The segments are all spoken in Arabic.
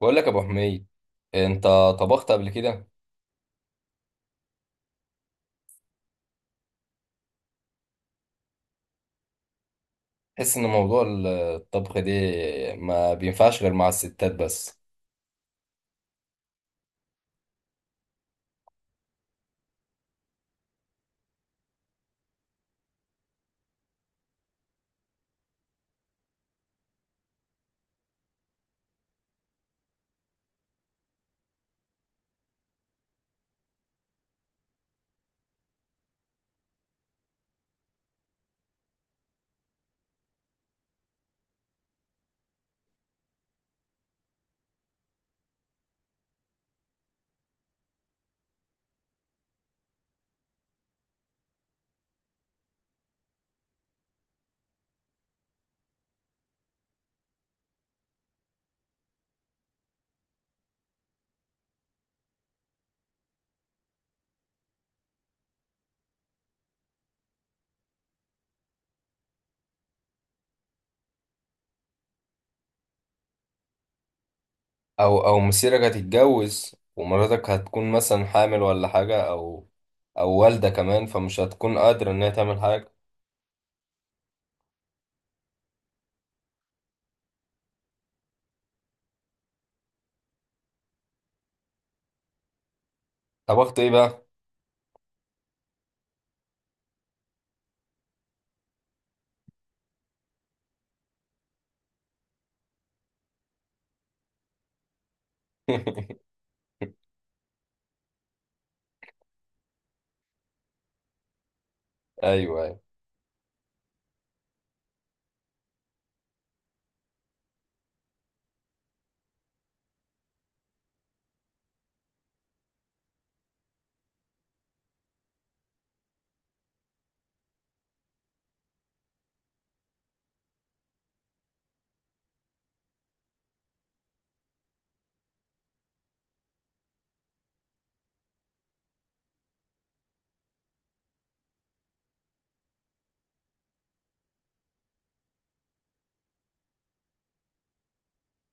بقول لك يا ابو حميد، انت طبخت قبل كده؟ تحس ان موضوع الطبخ ده ما بينفعش غير مع الستات بس؟ او مسيرك هتتجوز ومراتك هتكون مثلا حامل ولا حاجه، او او والده كمان، فمش هتكون قادره ان هي تعمل حاجه. طبخت ايه بقى؟ ايوه، أيوة.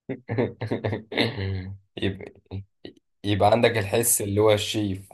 يبقى يبقى عندك الحس اللي هو الشيف.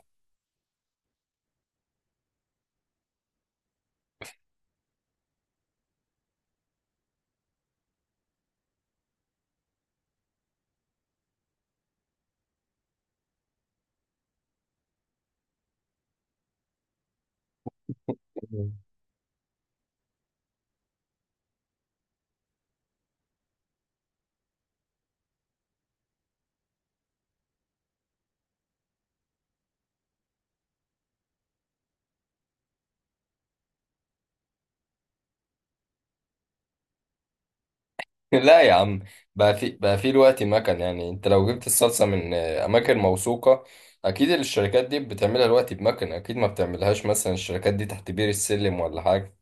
لا يا عم، بقى في دلوقتي مكن. يعني انت لو جبت الصلصه من اماكن موثوقه، اكيد الشركات دي بتعملها دلوقتي بمكن، اكيد ما بتعملهاش مثلا الشركات دي تحت بير السلم ولا حاجه.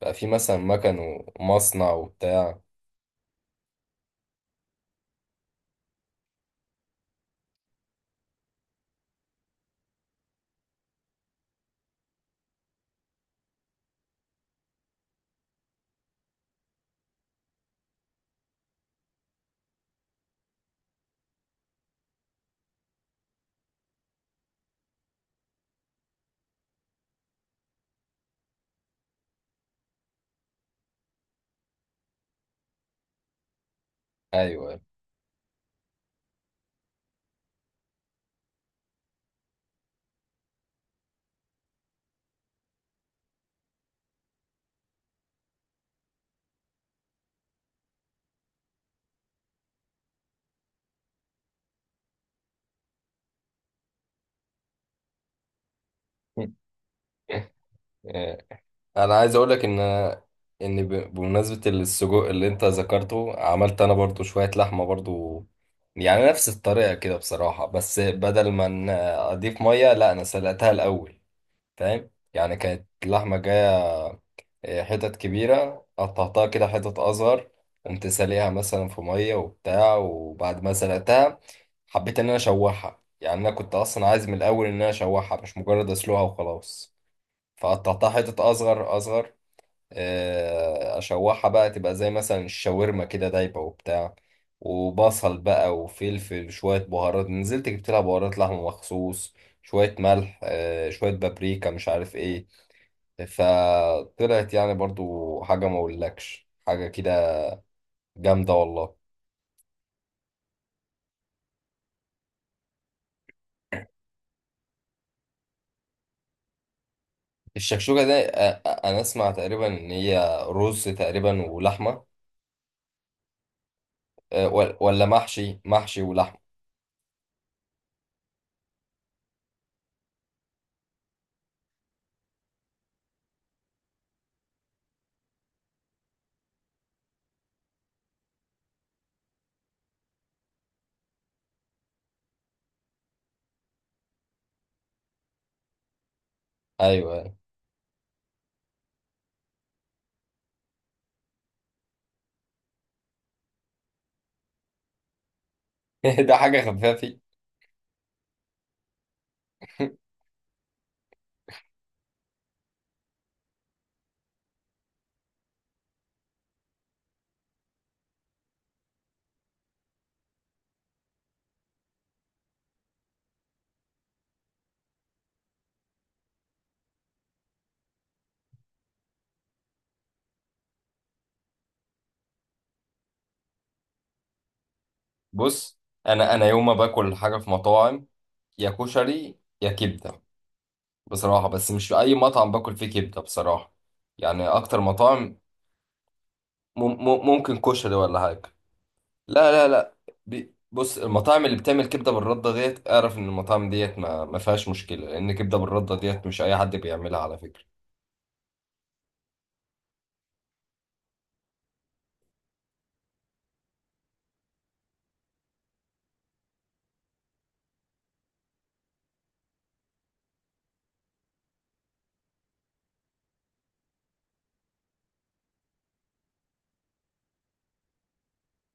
بقى في مثلا مكن ومصنع وبتاع. ايوه. آه، انا عايز اقول لك ان بمناسبه السجق اللي انت ذكرته، عملت انا برضو شويه لحمه برضو. يعني نفس الطريقه كده بصراحه، بس بدل ما اضيف ميه لا، انا سلقتها الاول. فاهم؟ يعني كانت اللحمة جاية حتت كبيرة، قطعتها كده حتت أصغر، قمت ساليها مثلا في مية وبتاع، وبعد ما سلقتها حبيت إن أنا أشوحها. يعني أنا كنت أصلا عايز من الأول إن أنا أشوحها، مش مجرد أسلقها وخلاص. فقطعتها حتت أصغر أصغر، أشوحها بقى تبقى زي مثلا الشاورما كده، دايبة وبتاع، وبصل بقى وفلفل، شوية بهارات نزلت جبت لها بهارات لحمة مخصوص، شوية ملح، شوية بابريكا، مش عارف إيه. فطلعت يعني برضو حاجة ما اقولكش، حاجة كده جامدة والله. الشكشوكة ده انا اسمع تقريبا ان هي رز تقريبا ولحمة، ولا محشي ولحمة. ايوه. ده حاجة خفافي. بص، انا يوم ما باكل حاجة في مطاعم يا كشري يا كبدة بصراحة، بس مش في اي مطعم باكل فيه كبدة بصراحة. يعني اكتر مطاعم ممكن كشري ولا حاجة. لا، لا، لا. بص، المطاعم اللي بتعمل كبده بالرده ديت اعرف ان المطاعم ديت ما فيهاش مشكله، لان كبده بالرده ديت مش اي حد بيعملها على فكره.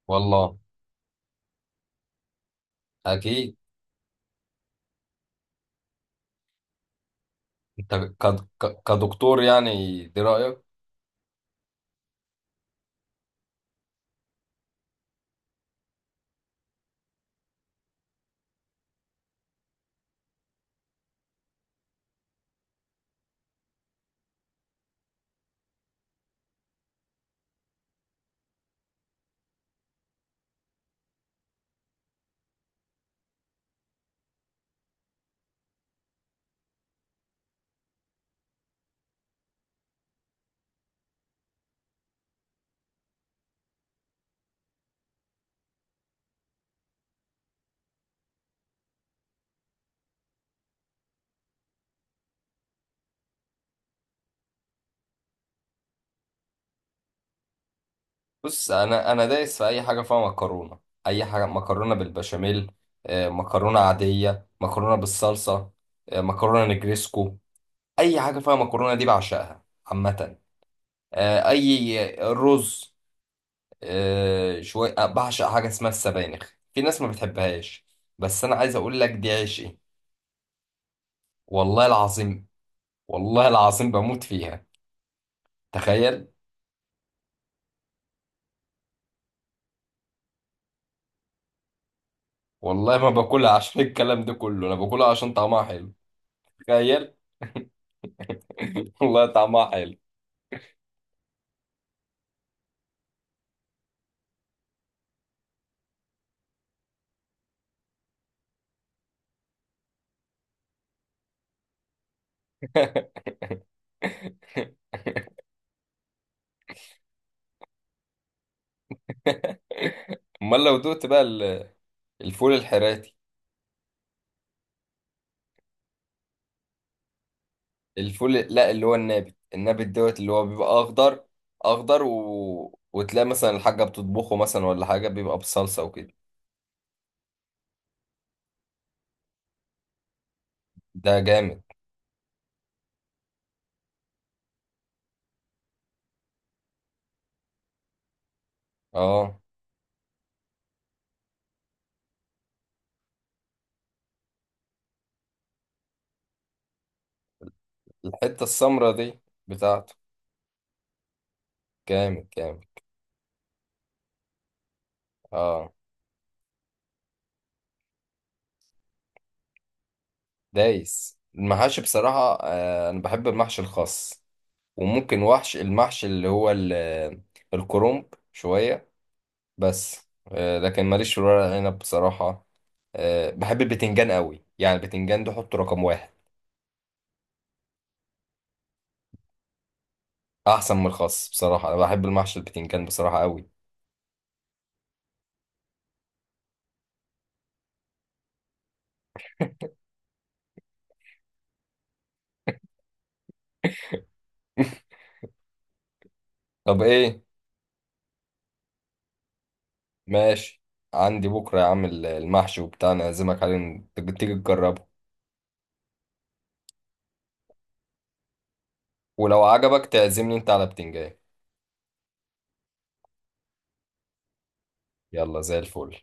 والله اكيد. انت كدكتور يعني، دي رايك. بص، انا دايس في اي حاجه فيها مكرونه. اي حاجه مكرونه بالبشاميل، مكرونه عاديه، مكرونه بالصلصه، مكرونه نجريسكو، اي حاجه فيها مكرونه دي بعشقها عامه. اي رز. آه، شوية آه، بعشق حاجة اسمها السبانخ، في ناس ما بتحبهاش، بس أنا عايز أقول لك دي عشقي. والله العظيم، والله العظيم بموت فيها، تخيل. والله ما باكلها عشان الكلام ده كله، أنا باكلها عشان طعمها حلو، تخيل. والله طعمها حلو. أمال لو دوت بقى الفول الحراتي! الفول، لا، اللي هو النابت، النابت دوت اللي هو بيبقى أخضر أخضر وتلاقي مثلا الحاجة بتطبخه مثلا ولا حاجة، بيبقى بصلصة وكده. ده جامد. اه، الحتة السمرة دي بتاعته. كامل كامل. اه، دايس المحاشي بصراحة. آه، أنا بحب المحشي الخاص، وممكن وحش المحشي اللي هو الكرنب شوية، بس آه، لكن ماليش في ورق العنب بصراحة. آه، بحب البتنجان قوي. يعني البتنجان ده حطه رقم واحد. أحسن من الخاص بصراحة، أنا بحب المحشي البتنجان بصراحة قوي. طب إيه؟ ماشي. عندي بكرة يا عم المحشي وبتاع، أنا أعزمك عليه، تيجي تيجي تجربه. ولو عجبك تعزمني أنت على بتنجان. يلا زي الفل.